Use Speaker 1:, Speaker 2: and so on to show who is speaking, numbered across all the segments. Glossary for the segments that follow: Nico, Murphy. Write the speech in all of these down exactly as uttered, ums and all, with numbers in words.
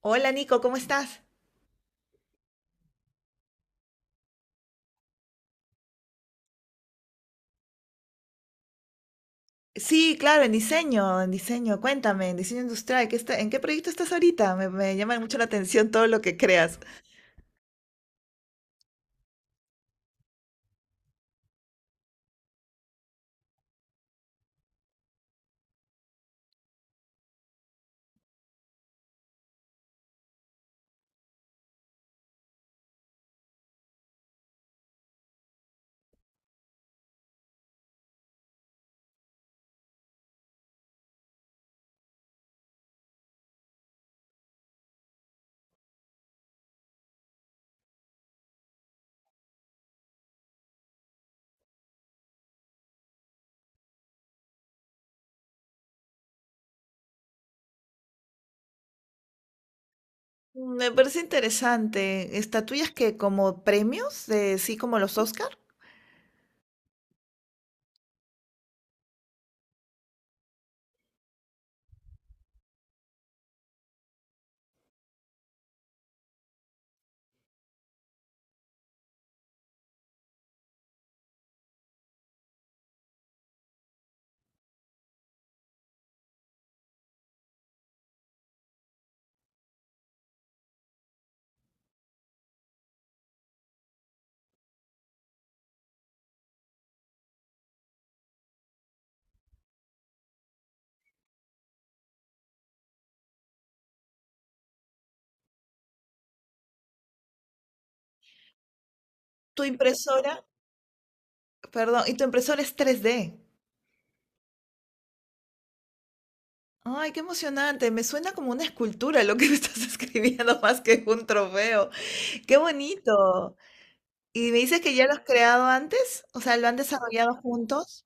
Speaker 1: Hola Nico, ¿cómo estás? Sí, claro, en diseño, en diseño, cuéntame, en diseño industrial, ¿qué está- ¿en qué proyecto estás ahorita? Me, me llama mucho la atención todo lo que creas. Me parece interesante. ¿Estatuillas que como premios, de, sí, como los Oscar? Tu impresora, perdón, y tu impresora es tres de. Ay, qué emocionante. Me suena como una escultura lo que me estás escribiendo más que un trofeo. Qué bonito. ¿Y me dices que ya lo has creado antes? O sea, ¿lo han desarrollado juntos?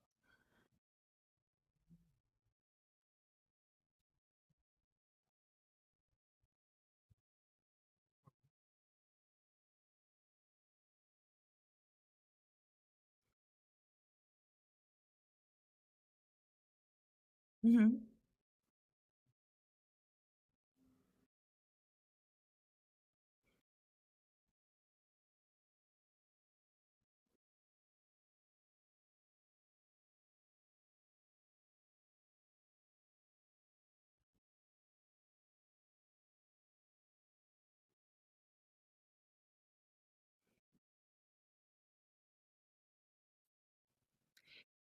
Speaker 1: Ujú.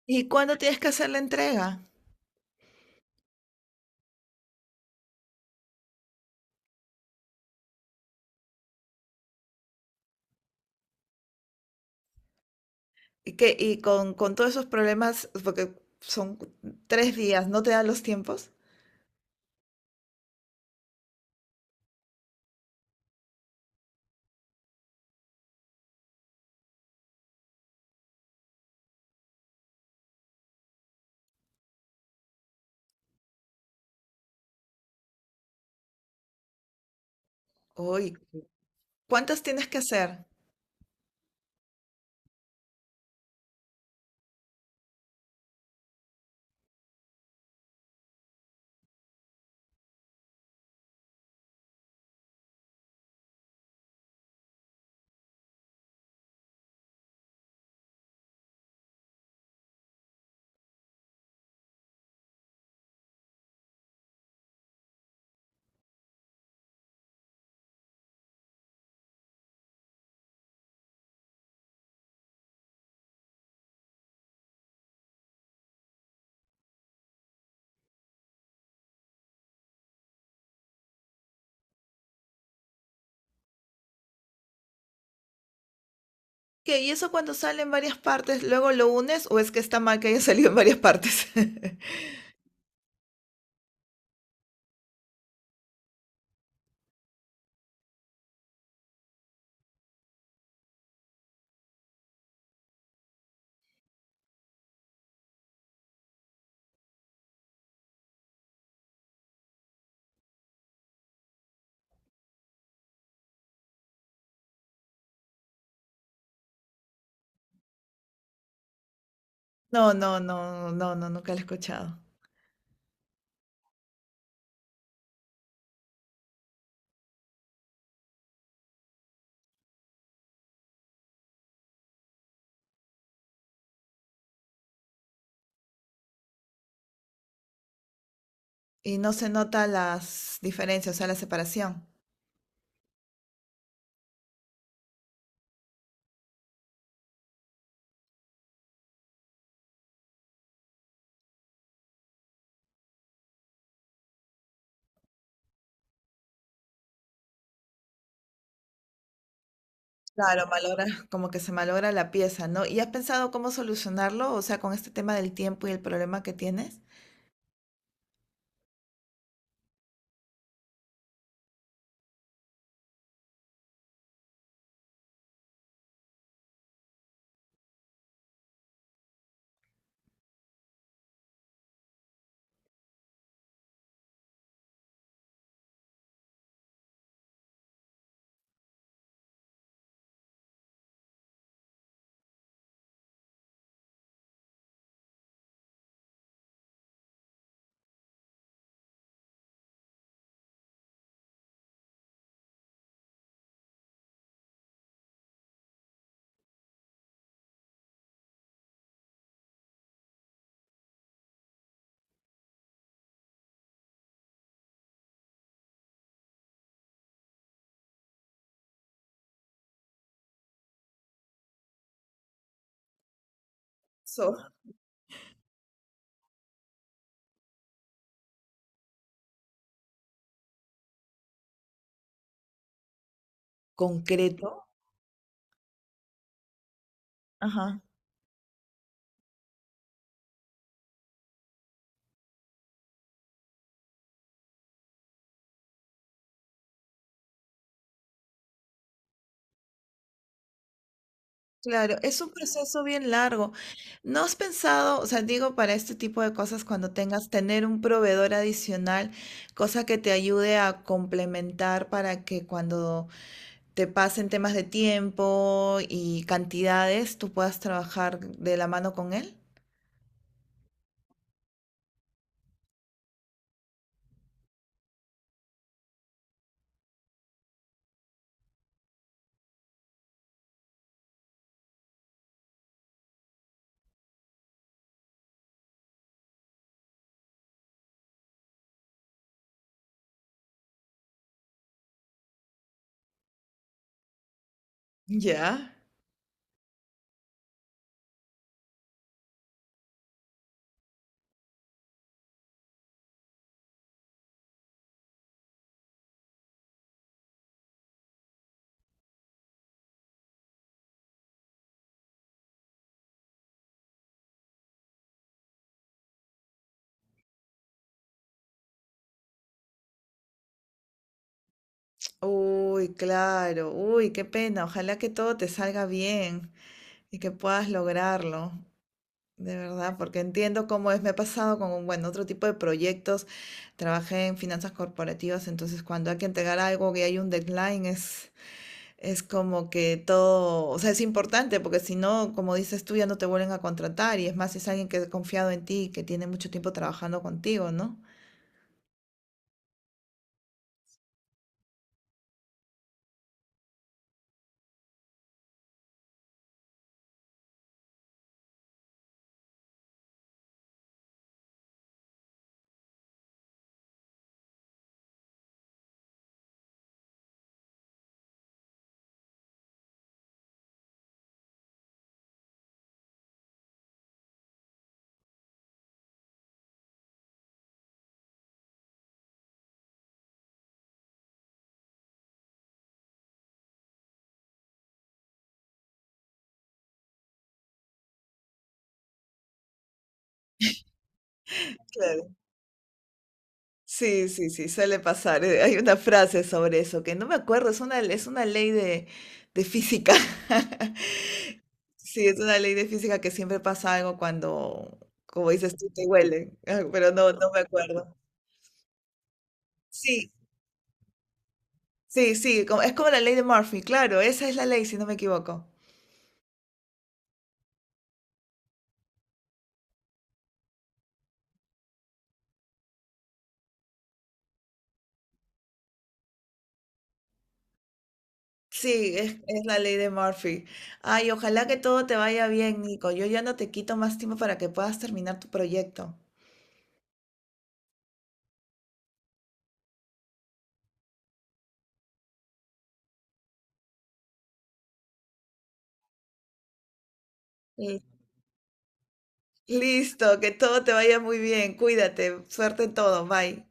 Speaker 1: ¿Y cuándo tienes que hacer la entrega? Y que, y con, con todos esos problemas, porque son cu- tres días, ¿no te dan los tiempos? Uy, ¿cuántas tienes que hacer? ¿Qué? ¿Y eso cuando sale en varias partes, luego lo unes o es que está mal que haya salido en varias partes? No, no, no, no, no, nunca lo he escuchado. Y no se nota las diferencias, o sea, la separación. Claro, malogra, como que se malogra la pieza, ¿no? ¿Y has pensado cómo solucionarlo? O sea, con este tema del tiempo y el problema que tienes. So- concreto. Ajá. Claro, es un proceso bien largo. ¿No has pensado, o sea, digo, para este tipo de cosas, cuando tengas, tener un proveedor adicional, cosa que te ayude a complementar para que cuando te pasen temas de tiempo y cantidades, tú puedas trabajar de la mano con él? Ya. Uy, claro, uy, qué pena. Ojalá que todo te salga bien y que puedas lograrlo, de verdad, porque entiendo cómo es. Me ha pasado con, un, bueno, otro tipo de proyectos. Trabajé en finanzas corporativas, entonces cuando hay que entregar algo que hay un deadline es, es como que todo, o sea, es importante, porque si no, como dices tú, ya no te vuelven a contratar y es más, si es alguien que ha confiado en ti, y que tiene mucho tiempo trabajando contigo, ¿no? Sí, sí, sí, suele pasar. Eh, Hay una frase sobre eso que no me acuerdo, es una, es una ley de, de física. Sí, es una ley de física que siempre pasa algo cuando, como dices tú, te huele, ah, pero no, no me acuerdo. Sí, sí, sí, como- es como la ley de Murphy, claro, esa es la ley, si no me equivoco. Sí, es, es la ley de Murphy. Ay, ojalá que todo te vaya bien, Nico. Yo ya no te quito más tiempo para que puedas terminar tu proyecto. Listo, que todo te vaya muy bien. Cuídate. Suerte en todo. Bye.